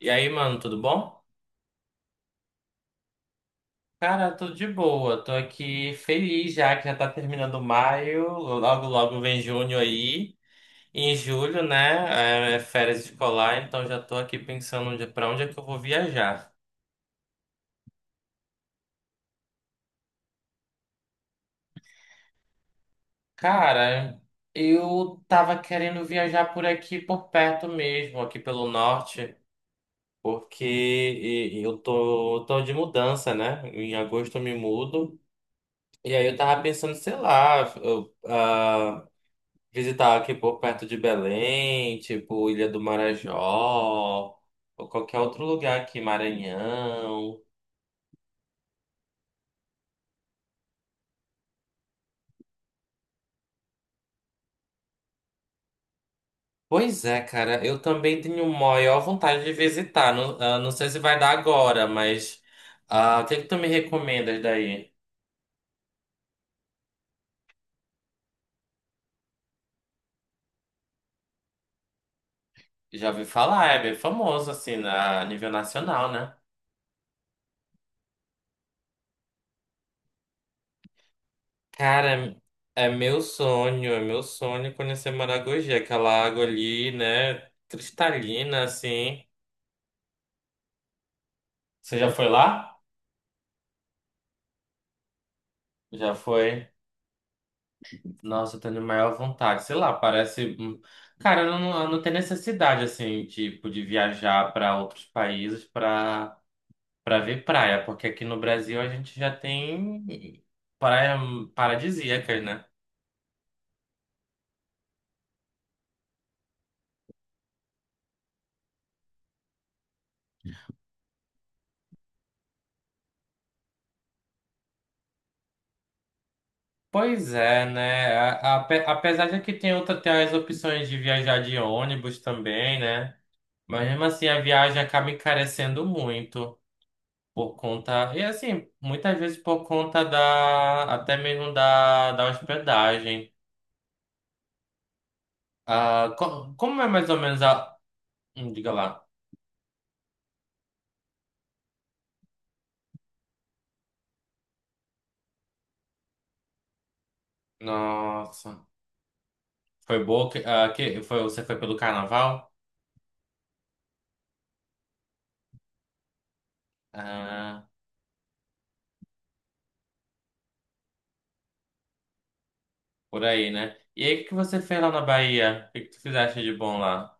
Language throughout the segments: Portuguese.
E aí, mano, tudo bom? Cara, tô de boa, tô aqui feliz já que já tá terminando maio, logo logo vem junho aí. E em julho, né, é férias escolar, então já tô aqui pensando onde, pra onde é que eu vou viajar. Cara, eu tava querendo viajar por aqui, por perto mesmo, aqui pelo norte, porque eu tô, tô de mudança, né? Em agosto eu me mudo. E aí eu tava pensando, sei lá, visitar aqui por perto de Belém, tipo Ilha do Marajó, ou qualquer outro lugar aqui, Maranhão. Pois é, cara, eu também tenho maior vontade de visitar. Não, não sei se vai dar agora, mas o que é que tu me recomendas daí? Já ouvi falar, é bem famoso, assim, na, a nível nacional, né? Cara, é meu sonho conhecer Maragogi, aquela água ali, né? Cristalina, assim. Você já foi lá? Já foi. Nossa, eu tenho maior vontade. Sei lá, parece. Cara, eu não tenho necessidade, assim, tipo, de viajar para outros países para para ver praia, porque aqui no Brasil a gente já tem praia paradisíacas, né? Pois é, né? Apesar de que tem outra, tem as opções de viajar de ônibus também, né? Mas mesmo assim a viagem acaba encarecendo muito por conta, e assim, muitas vezes por conta da, até mesmo da, da hospedagem. Como é mais ou menos a. Diga lá. Nossa. Foi boa? Que, que, foi, você foi pelo carnaval? Ah, por aí, né? E aí, o que que você fez lá na Bahia? O que, que tu fizeste de bom lá?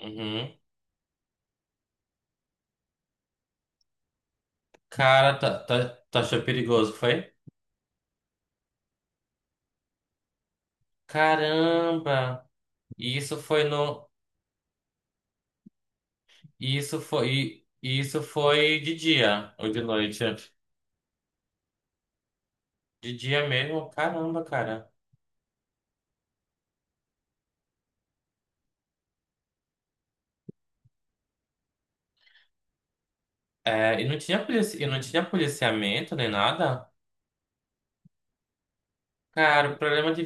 Uhum. Cara, tá, tá, tu achou perigoso, foi? Caramba! E isso foi no. E isso foi. E isso foi de dia ou de noite? De dia mesmo? Caramba, cara. É, e não tinha polici... e não tinha policiamento nem nada? Cara, o problema de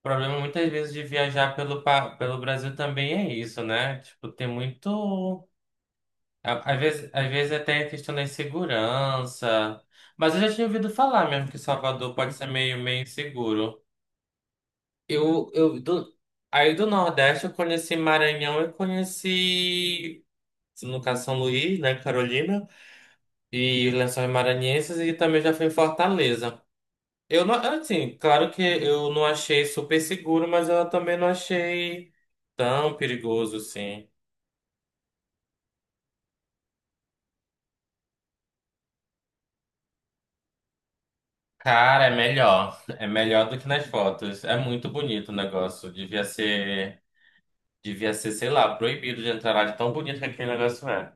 o problema muitas vezes de viajar pelo, pelo Brasil também é isso, né? Tipo, tem muito. Às vezes até a questão da insegurança. Mas eu já tinha ouvido falar mesmo que Salvador pode ser meio, meio inseguro. Eu do... Aí do Nordeste eu conheci Maranhão, eu conheci, no caso, São Luís, né, Carolina, e Lençóis Maranhenses, e também já fui em Fortaleza. Eu não, assim, claro que eu não achei super seguro, mas eu também não achei tão perigoso assim. Cara, é melhor. É melhor do que nas fotos. É muito bonito o negócio. Devia ser, sei lá, proibido de entrar lá de tão bonito que aquele negócio é.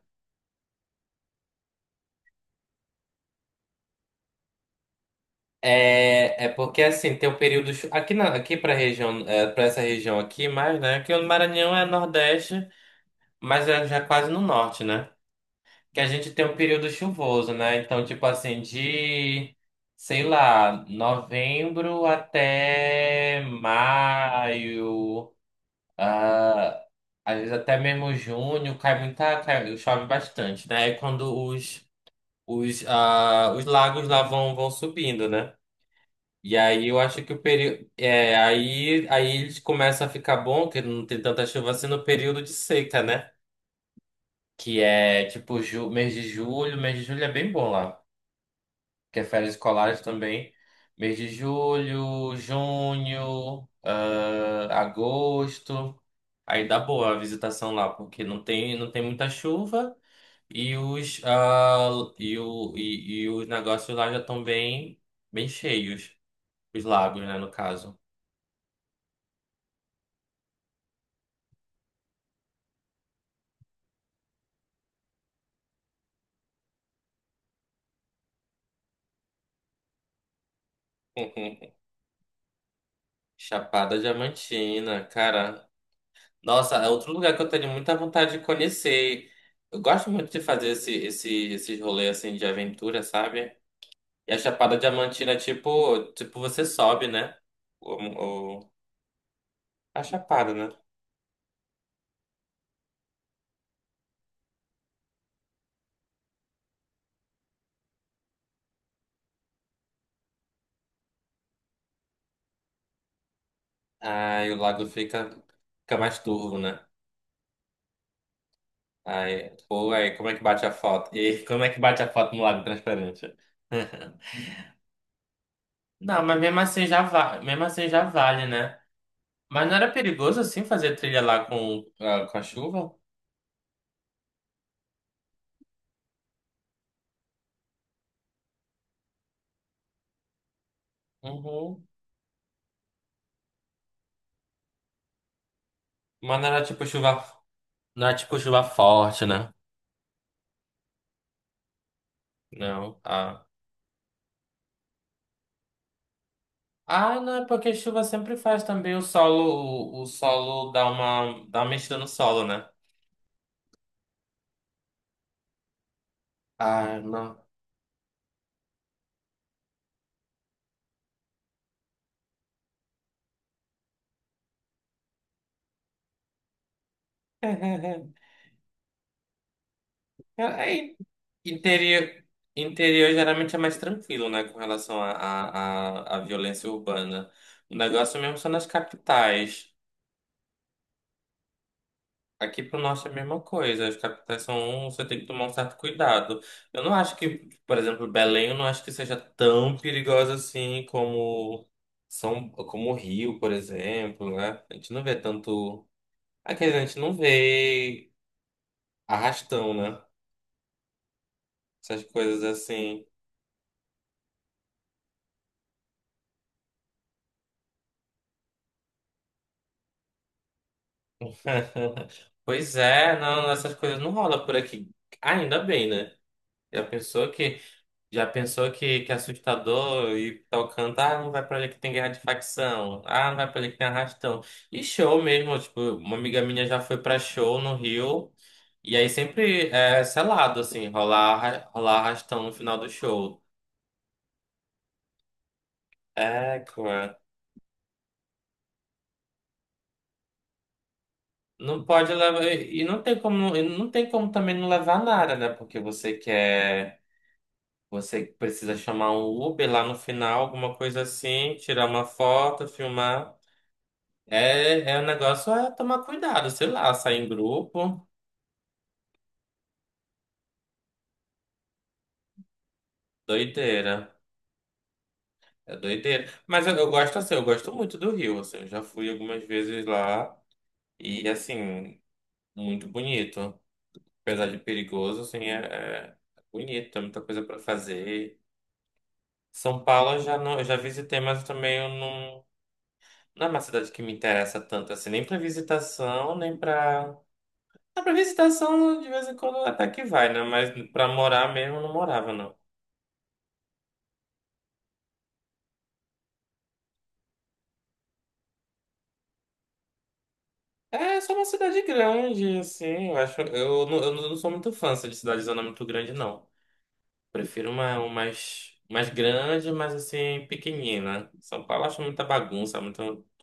É, é porque assim, tem o período aqui na, aqui para região, é, para essa região aqui mais, né? Que o Maranhão é Nordeste, mas é já quase no norte, né? Que a gente tem um período chuvoso, né? Então, tipo assim, de, sei lá, novembro até maio, ah, às vezes até mesmo junho, cai muita, chove bastante, né? É quando os, os lagos lá vão, vão subindo, né? E aí eu acho que o período. É, aí, aí eles começam a ficar bom, que não tem tanta chuva assim no período de seca, né? Que é tipo mês de julho é bem bom lá. Que é férias escolares também. Mês de julho, junho, agosto. Aí dá boa a visitação lá, porque não tem, não tem muita chuva e os, e, o, e, e os negócios lá já estão bem, bem cheios. Os lagos, né, no caso. Chapada Diamantina, cara. Nossa, é outro lugar que eu tenho muita vontade de conhecer. Eu gosto muito de fazer esses rolês assim de aventura, sabe? E a Chapada Diamantina é tipo, tipo você sobe, né? O, o- a Chapada, né? Aí o lago fica, fica mais turvo, né? Aí, pô, aí como é que bate a foto? E como é que bate a foto no lago transparente? Não, mas mesmo assim mesmo assim já vale, né? Mas não era perigoso assim fazer trilha lá com, com a chuva? Uhum. Mas não era tipo chuva, não era tipo chuva forte, né? Não. Ah. Ah, não, é porque chuva sempre faz também o solo, o solo dá uma mexida no solo, né? Ah, não. Aí, interior, interior geralmente é mais tranquilo, né, com relação à violência urbana. O negócio mesmo são nas capitais. Aqui pro norte é a mesma coisa. As capitais são, você tem que tomar um certo cuidado. Eu não acho que, Por exemplo, Belém, eu não acho que seja tão perigosa assim como como o Rio, por exemplo, né? A gente não vê tanto. Aqui a gente não vê arrastão, né? Essas coisas assim. Pois é, não, essas coisas não rolam por aqui. Ainda bem, né? Já pensou que Já pensou que é assustador e tal canto, não vai pra ali que tem guerra de facção, não vai pra ali que tem arrastão. E show mesmo, tipo, uma amiga minha já foi pra show no Rio, e aí sempre é selado, assim, rolar, rolar arrastão no final do show. É, cara. Não pode levar, e não tem como também não levar nada, né? Porque você quer, você precisa chamar um Uber lá no final, alguma coisa assim, tirar uma foto, filmar. É, é um negócio é tomar cuidado, sei lá, sair em grupo, doideira. É doideira. Mas eu gosto assim, eu gosto muito do Rio, assim, eu já fui algumas vezes lá e assim, muito bonito. Apesar de perigoso, assim, é bonito, tem muita coisa para fazer. São Paulo eu já não, eu já visitei, mas também eu não, não é uma cidade que me interessa tanto assim, nem para visitação, nem para, para visitação de vez em quando até que vai, né? Mas para morar mesmo eu não morava, não. É só uma cidade grande, assim. Eu não sou muito fã assim, de cidade zona muito grande, não. Prefiro uma mais, mais grande, mas assim, pequenina. São Paulo eu acho muita bagunça, muito, muita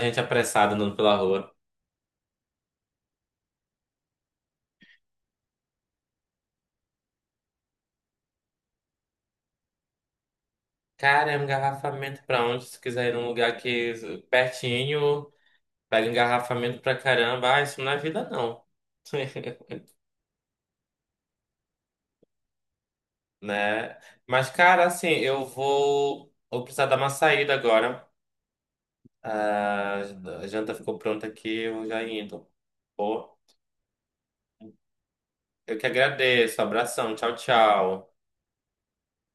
gente apressada andando pela rua. Cara, é um engarrafamento pra onde? Se quiser ir num lugar que pertinho, pega engarrafamento pra caramba. Ah, isso não é vida, não. Né? Mas, cara, assim, vou precisar dar uma saída agora. A janta ficou pronta aqui, eu já indo. Pô, eu que agradeço. Abração, tchau, tchau.